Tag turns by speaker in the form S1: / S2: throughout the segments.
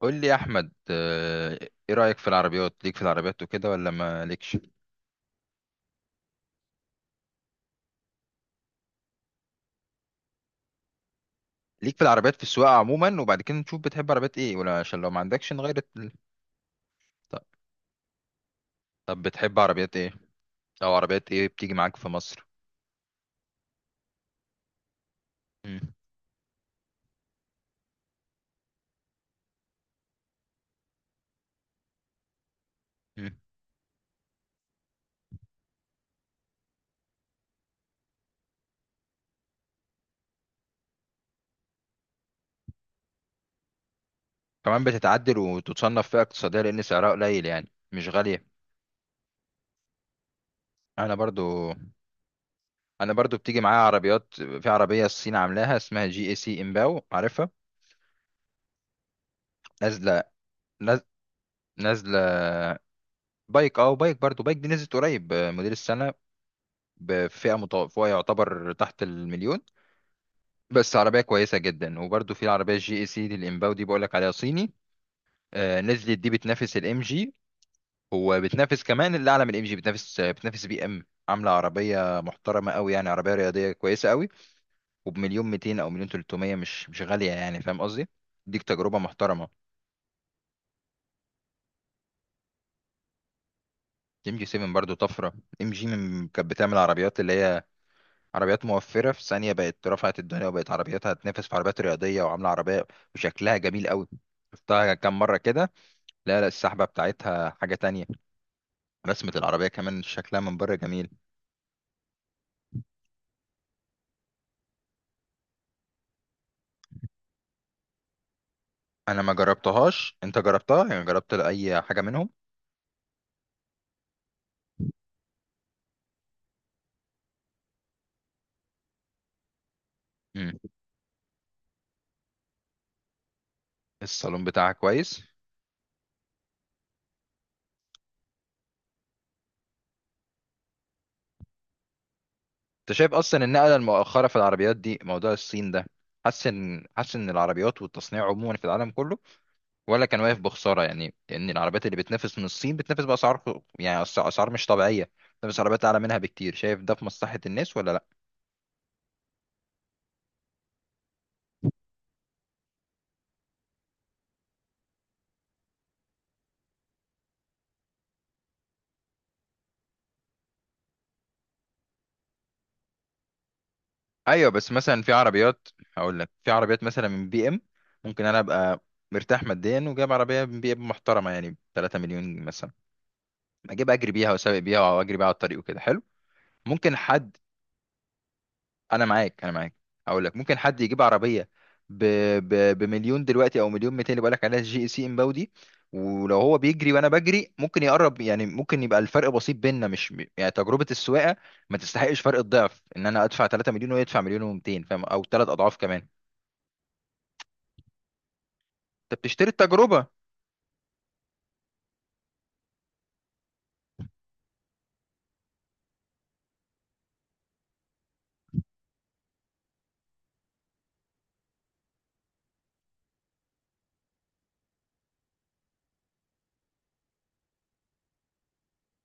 S1: قول لي يا احمد، ايه رايك في العربيات ليك في العربيات وكده، ولا ما ليكش؟ ليك في العربيات في السواقه عموما، وبعد كده نشوف بتحب عربيات ايه، ولا عشان لو ما عندكش نغير طب طب بتحب عربيات ايه، او عربيات ايه بتيجي معاك في مصر؟ مم. مم. كمان بتتعدل وتتصنف فئه اقتصاديه، لان سعرها قليل، يعني مش غاليه. انا برضو انا برضو بتيجي معايا عربيات، في عربيه الصين عاملاها اسمها جي اي سي امباو، عارفها؟ نازله، ناز- نازله. بايك، بايك، برضو بايك دي نزلت قريب، موديل السنه، بفئه متوسطه، يعتبر تحت المليون، بس عربيه كويسه جدا. وبرده في العربيه الجي اي سي دي الامباو دي، بقول لك عليها صيني، نزلت دي بتنافس الام جي، وبتنافس كمان اللي اعلى من الام جي، بتنافس بي ام. عامله عربيه محترمه قوي، يعني عربيه رياضيه كويسه قوي. وبمليون 200 او مليون 300، مش غاليه يعني، فاهم قصدي؟ ديك تجربه محترمه. ام جي 7 برضو طفره. ام جي من كانت بتعمل عربيات اللي هي عربيات موفرة، في ثانية بقت رفعت الدنيا، وبقت عربياتها تنافس في عربيات رياضية، وعاملة عربية وشكلها جميل قوي. شفتها كام مرة كده. لا لا، السحبة بتاعتها حاجة تانية. رسمة العربية كمان شكلها من بره جميل. أنا ما جربتهاش، أنت جربتها؟ يعني جربت أي حاجة منهم؟ مم. الصالون بتاعها كويس. أنت شايف أصلا النقلة المؤخرة في العربيات دي موضوع الصين ده، حاسس إن العربيات والتصنيع عموما في العالم كله ولا كان واقف بخساره؟ يعني ان العربيات اللي بتنافس من الصين، بتنافس باسعار اسعار مش طبيعيه، بتنافس عربيات اعلى منها بكتير. شايف ده في مصلحه الناس ولا لا؟ ايوه بس مثلا في عربيات، هقول لك في عربيات مثلا من بي ام. ممكن انا ابقى مرتاح ماديا، وجايب عربيه من بي ام محترمه، يعني ب 3 مليون مثلا، اجيب اجري بيها واسابق بيها واجري بيها على الطريق وكده حلو. ممكن حد، انا معاك، هقول لك ممكن حد يجيب عربيه ب... بمليون دلوقتي او مليون 200، اللي بقول لك عليها جي سي امباودي. ولو هو بيجري وانا بجري ممكن يقرب، يعني ممكن يبقى الفرق بسيط بيننا، مش يعني تجربه السواقه ما تستحقش فرق الضعف ان انا ادفع 3 مليون ويدفع مليون و200، فاهم؟ او 3 اضعاف كمان. انت بتشتري التجربه.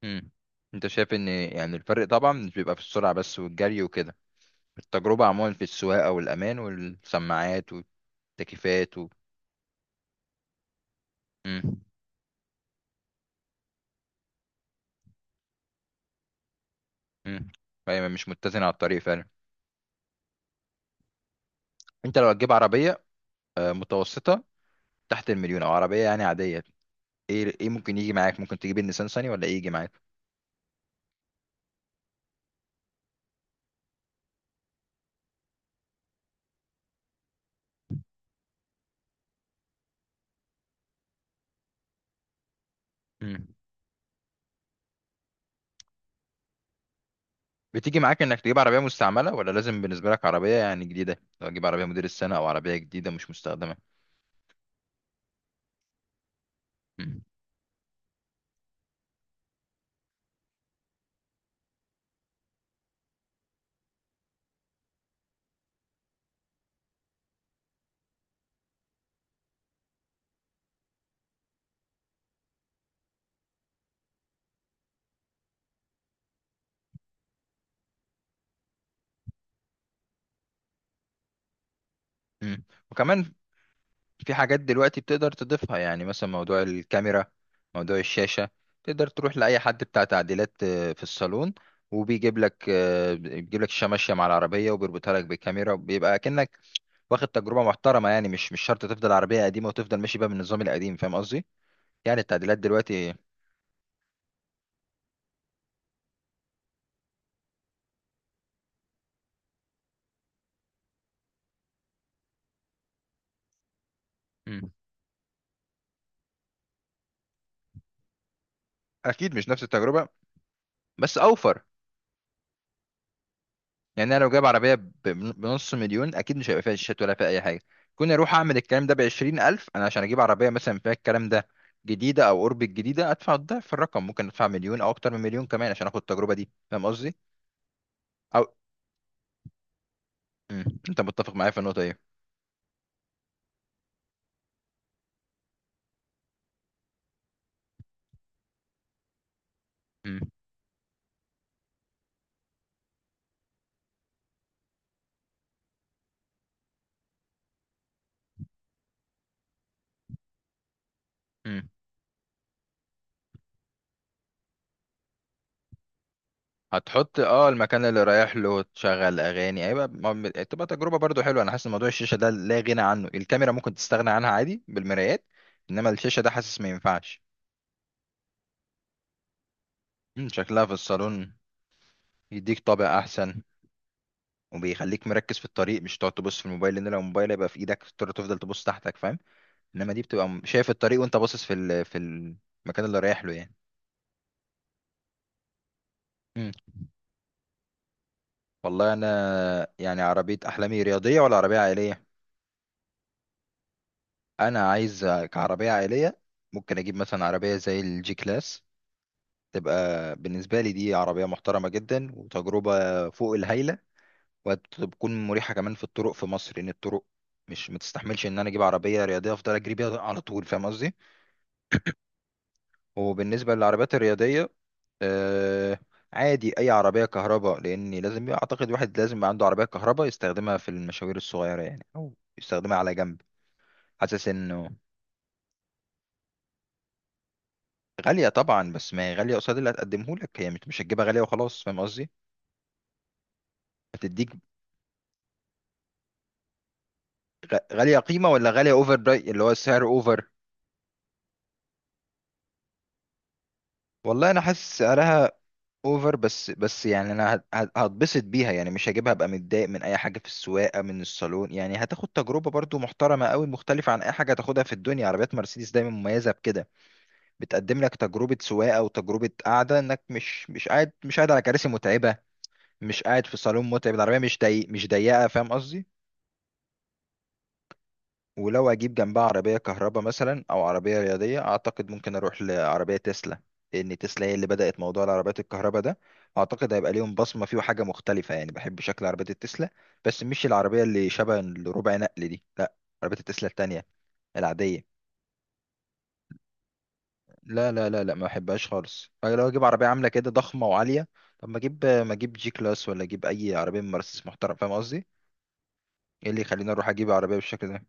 S1: امم انت شايف ان، يعني الفرق طبعا مش بيبقى في السرعه بس والجري وكده، التجربه عموما في السواقه والامان والسماعات والتكييفات مم. مم. فهي مش متزنة على الطريق فعلا. انت لو هتجيب عربية، متوسطة، تحت المليون، او عربية يعني عادية، ايه ممكن يجي معاك؟ ممكن تجيب النيسان صني، ولا ايه يجي معاك؟ مم. بتيجي معاك انك تجيب عربية مستعملة، ولا لازم بالنسبة لك عربية يعني جديدة؟ لو هتجيب عربية موديل السنة، او عربية جديدة مش مستخدمة. مم. مم. وكمان في حاجات دلوقتي بتقدر تضيفها، يعني مثلا موضوع الكاميرا، موضوع الشاشة، تقدر تروح لأي حد بتاع تعديلات، في الصالون، وبيجيب لك، بيجيب لك الشاشة ماشية مع العربية، وبيربطها لك بالكاميرا، وبيبقى كأنك واخد تجربة محترمة. يعني مش شرط تفضل عربية قديمة، وتفضل ماشي بقى بالنظام القديم، فاهم قصدي؟ يعني التعديلات دلوقتي. مم. أكيد مش نفس التجربة. بس أوفر. يعني انا لو جايب عربيه بنص مليون اكيد مش هيبقى فيها شاشات، ولا فيها اي حاجه. كنت اروح اعمل الكلام ده ب20 الف، انا عشان اجيب عربيه مثلا فيها الكلام ده جديده او قرب الجديده، ادفع الضعف في الرقم. ممكن ادفع مليون، او اكتر من مليون كمان عشان اخد التجربه دي، فاهم قصدي؟ او مم. انت متفق معايا في النقطه دي؟ مم. مم. هتحط المكان اللي رايح له، تشغل اغاني، ايوه، تبقى تجربه برضو حلوه. انا حاسس إن موضوع الشاشه ده لا غنى عنه. الكاميرا ممكن تستغنى عنها عادي بالمرايات، انما الشاشه ده حاسس ما ينفعش. مم، شكلها في الصالون يديك طابع احسن، وبيخليك مركز في الطريق، مش تقعد تبص في الموبايل، لان لو الموبايل هيبقى في ايدك تضطر تفضل تبص تحتك، فاهم؟ انما دي بتبقى شايف الطريق، وانت باصص في في المكان اللي رايح له يعني. مم. والله، انا يعني عربيه احلامي رياضيه ولا عربيه عائليه؟ انا عايز كعربيه عائليه ممكن اجيب مثلا عربيه زي الجي كلاس. تبقى بالنسبه لي دي عربيه محترمه جدا، وتجربه فوق الهايله، وتكون مريحه كمان في الطرق في مصر، لان الطرق مش متستحملش ان انا اجيب عربيه رياضيه افضل اجري بيها على طول، فاهم قصدي؟ وبالنسبة للعربيات الرياضية آه عادي أي عربية كهرباء، لأن أعتقد واحد لازم يبقى عنده عربية كهرباء يستخدمها في المشاوير الصغيرة يعني، أو يستخدمها على جنب. حاسس إنه غالية طبعا، بس ما هي غالية قصاد اللي هتقدمه لك. هي مش هتجيبها غالية وخلاص، فاهم قصدي؟ هتديك غالية قيمة، ولا غالية أوفر براي، اللي هو السعر أوفر. والله أنا حاسس سعرها اوفر. بس يعني انا هتبسط بيها يعني، مش هجيبها ابقى متضايق من اي حاجه في السواقه من الصالون. يعني هتاخد تجربه برضو محترمه قوي، مختلفه عن اي حاجه هتاخدها في الدنيا. عربيات مرسيدس دايما مميزه بكده، بتقدم لك تجربه سواقه وتجربه قعده، انك مش قاعد مش قاعد على كراسي متعبه، مش قاعد في صالون متعب، العربيه مش ضيق، مش ضيقه، فاهم قصدي؟ ولو اجيب جنبها عربيه كهرباء مثلا، او عربيه رياضيه، اعتقد ممكن اروح لعربيه تسلا، لان تسلا هي اللي بدات موضوع العربيات الكهرباء ده، اعتقد هيبقى ليهم بصمه فيه وحاجه مختلفه. يعني بحب شكل عربيه التسلا، بس مش العربيه اللي شبه الربع نقل دي لا، عربيه التسلا التانية العاديه. لا لا لا لا، ما بحبهاش خالص. أنا لو اجيب عربيه عامله كده ضخمه وعاليه، طب ما اجيب جي كلاس، ولا اجيب اي عربيه من مرسيدس محترم، فاهم قصدي؟ ايه اللي يخليني اروح اجيب عربيه بالشكل ده؟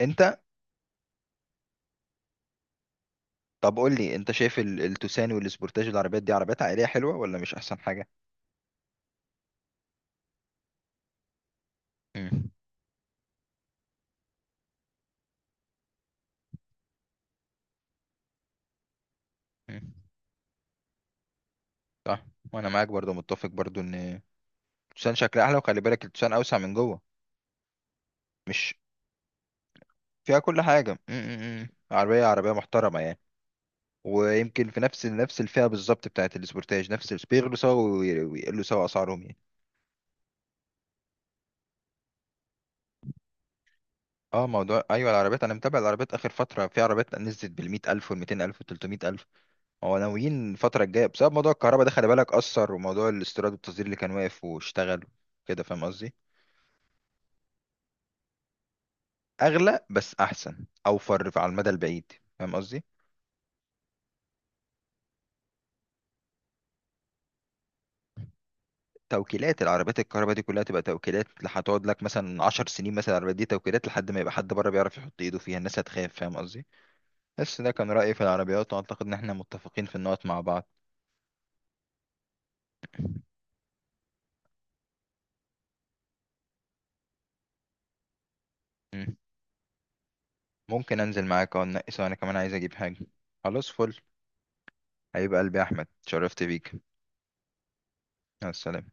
S1: انت طب قول لي، انت شايف التوسان والسبورتاج، العربيات دي عربيات عائليه حلوه ولا مش احسن حاجه؟ امم امم، صح. وانا معاك متفق برضو ان التوسان شكلها احلى، وخلي بالك التوسان اوسع من جوه، مش فيها كل حاجه. امم، عربيه محترمه يعني. ويمكن في نفس الفئه بالظبط بتاعت السبورتاج، نفس بيغلوا سوا ويقلوا سوا اسعارهم يعني. اه موضوع ايوه، العربيات، انا متابع العربيات اخر فتره، في عربيات نزلت بال 100000 وال 200000 وال 300000. هو ناويين الفترة الجاية بسبب موضوع الكهرباء ده، خلي بالك أثر، وموضوع الاستيراد والتصدير اللي كان واقف واشتغل كده، فاهم قصدي؟ أغلى بس أحسن، أوفر على المدى البعيد، فاهم قصدي؟ توكيلات العربيات الكهرباء دي كلها تبقى توكيلات، هتقعد لك مثلا 10 سنين، مثلا العربيات دي توكيلات لحد ما يبقى حد بره بيعرف يحط ايده فيها، الناس هتخاف، فاهم قصدي؟ بس ده كان رأيي في العربيات، وأعتقد إن احنا متفقين في النقط مع بعض. مم. ممكن أنزل معاك، أو ننقي سوا، أنا كمان عايز أجيب حاجة. خلاص فل. حبيب قلبي يا أحمد، شرفت بيك. مع السلامة.